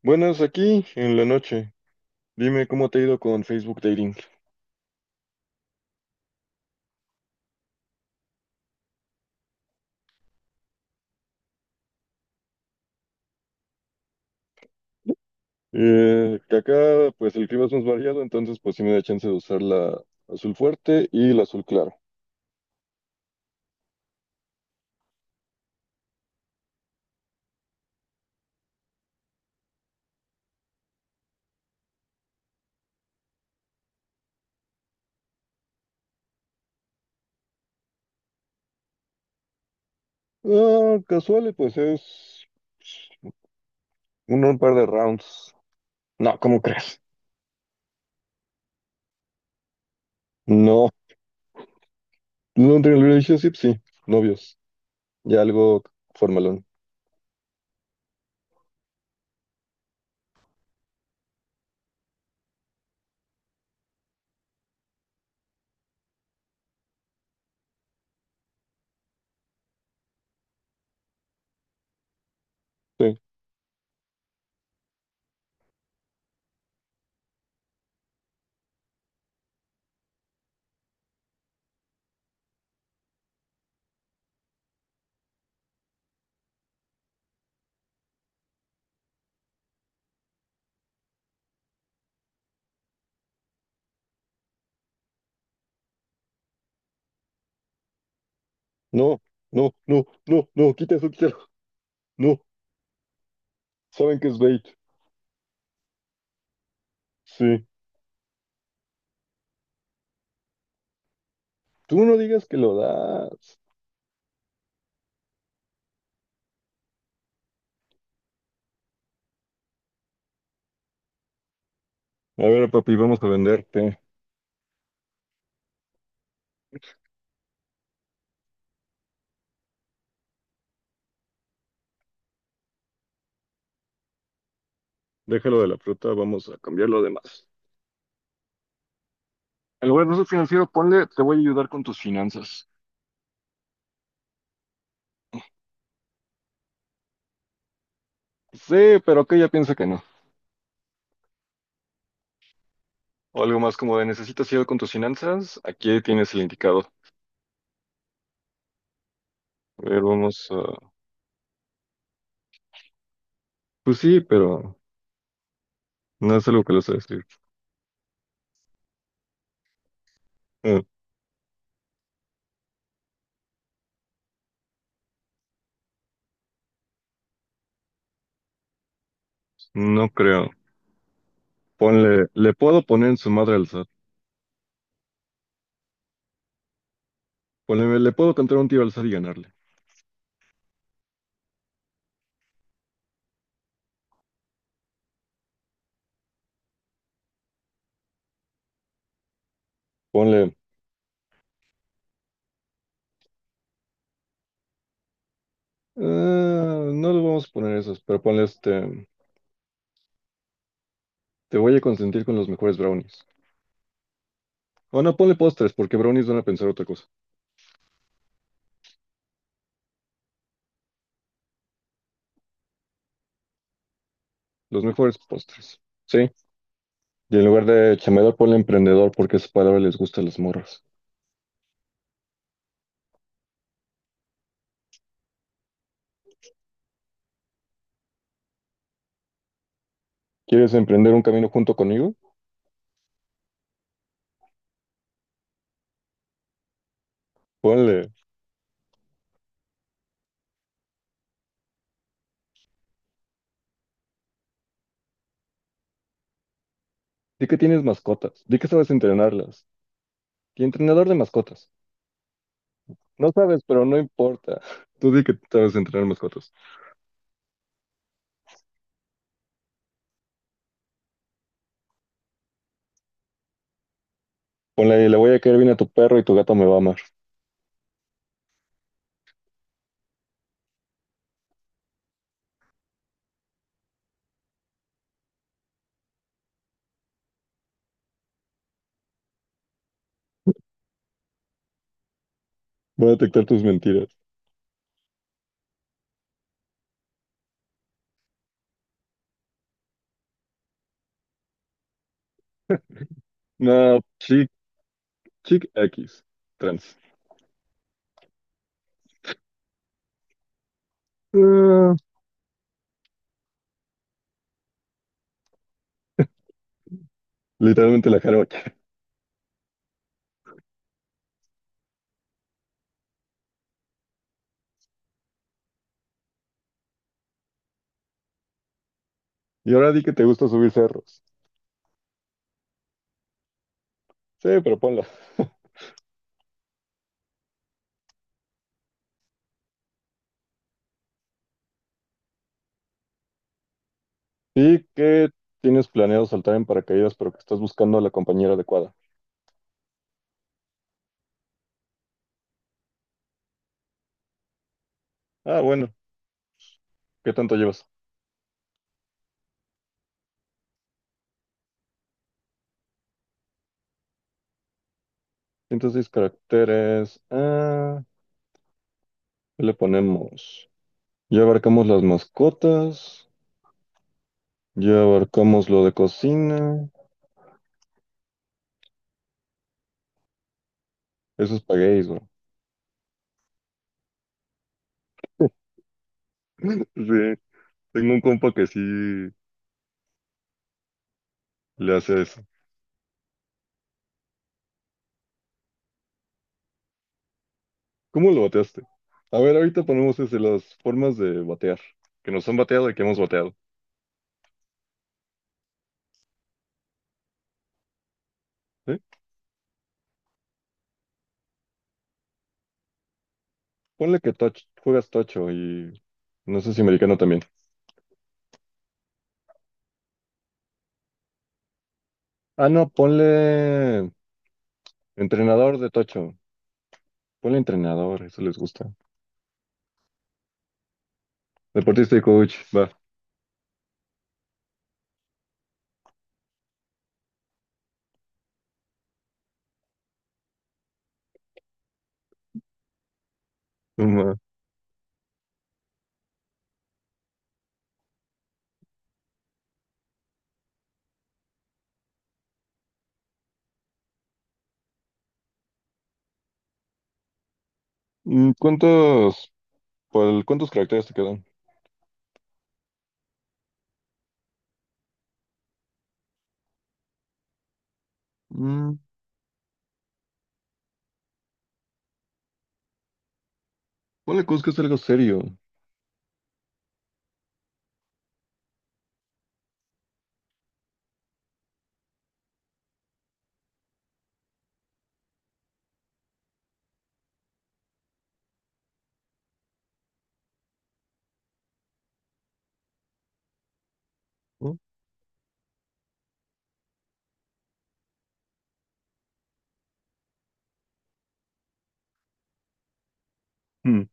Buenas, aquí en la noche. Dime cómo te ha ido con Facebook Dating. Que acá, pues el clima es más variado, entonces pues sí me da chance de usar la azul fuerte y la azul claro. Ah, casual, y, pues es un par de rounds. No, ¿cómo crees? No, long term relationship, sí, novios. Ya algo formalón. Sí. No, no, no, no, no, quita eso, quítalo. No, saben que es bait. Sí. Tú no digas que lo das. A ver, papi, vamos a venderte. Déjalo de la fruta, vamos a cambiar lo demás. En lugar de ser financiero, ponle, te voy a ayudar con tus finanzas. Sí, pero que ella piensa que no. O algo más como de, ¿necesitas ayuda con tus finanzas? Aquí tienes el indicado. A ver, vamos a... Pues sí, pero no es algo que le sé decir. Eh, no creo. Ponle, le puedo poner en su madre al SAT. Ponle, le puedo cantar un tío al SAT y ganarle. Ponle, "Ah, no le vamos a poner esos, pero ponle este, te voy a consentir con los mejores brownies. O no, ponle postres, porque brownies van a pensar otra cosa. Los mejores postres. Sí. Y en lugar de chambeador, ponle emprendedor porque esa palabra les gusta a las morras. ¿Quieres emprender un camino junto conmigo? Ponle. Di que tienes mascotas. Di que sabes entrenarlas. Y entrenador de mascotas. No sabes, pero no importa. Tú di que sabes entrenar mascotas. Ponle, le voy a caer bien a tu perro y tu gato me va a amar. Voy a detectar tus mentiras. No, chic, chic X. Trans. Ah, literalmente la jarocha. Y ahora di que te gusta subir cerros. Sí, pero ponlo. Y que tienes planeado saltar en paracaídas, pero que estás buscando a la compañera adecuada. Ah, bueno, ¿qué tanto llevas? 106 caracteres. Ah, ¿qué le ponemos? Ya abarcamos las mascotas. Ya abarcamos lo de cocina. Eso es paguéis, bro. Sí, tengo un compa que sí le hace eso. ¿Cómo lo bateaste? A ver, ahorita ponemos ese, las formas de batear, que nos han bateado y que hemos bateado. ¿Sí? Ponle que touch, juegas tocho y no sé si americano también. Ah, no, ponle entrenador de tocho. Ponle entrenador, eso les gusta. Deportista y coach, va. Va. Mm, ¿cuántos, cuántos caracteres te quedan? Mm, ponle cosas que es algo serio, ¿no? Mm,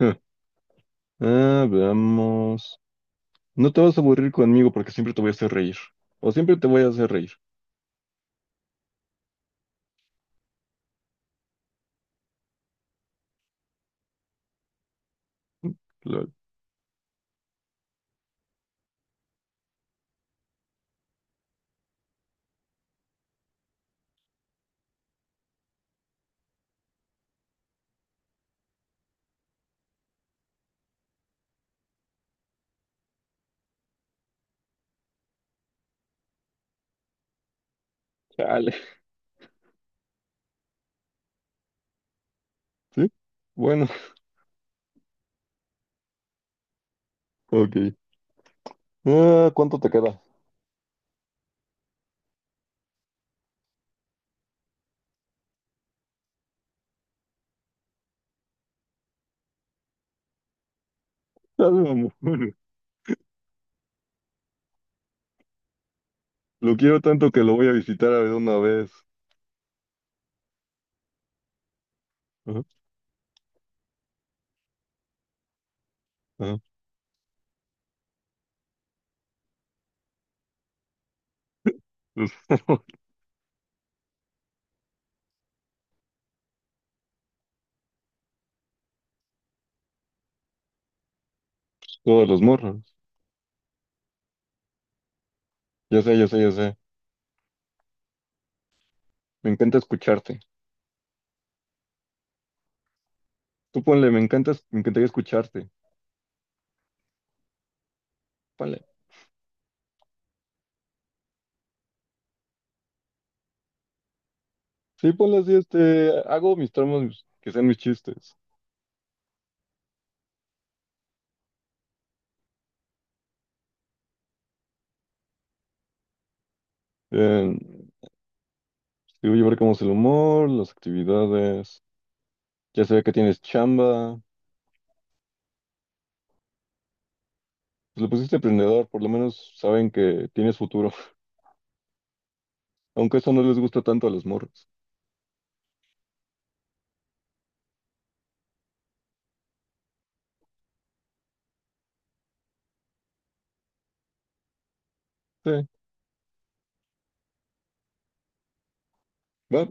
ah, ah, veamos. No te vas a aburrir conmigo porque siempre te voy a hacer reír. O siempre te voy a hacer reír. Lol. Chale. ¿Sí? Bueno, ok. Ah, ¿cuánto te queda? Ah, no, amor. Lo quiero tanto que lo voy a visitar a ver una vez. Ajá, ajá. Todos los morros. Yo sé, yo sé, yo sé. Me encanta escucharte. Tú ponle, me encantas, me encantaría escucharte. Ponle. Sí, ponle así, este, hago mis tramos que sean mis chistes. Eh, Digo, llevar cómo es el humor, las actividades. Ya se ve que tienes chamba. Pues le pusiste emprendedor, por lo menos saben que tienes futuro. Aunque eso no les gusta tanto a los morros. Sí, va,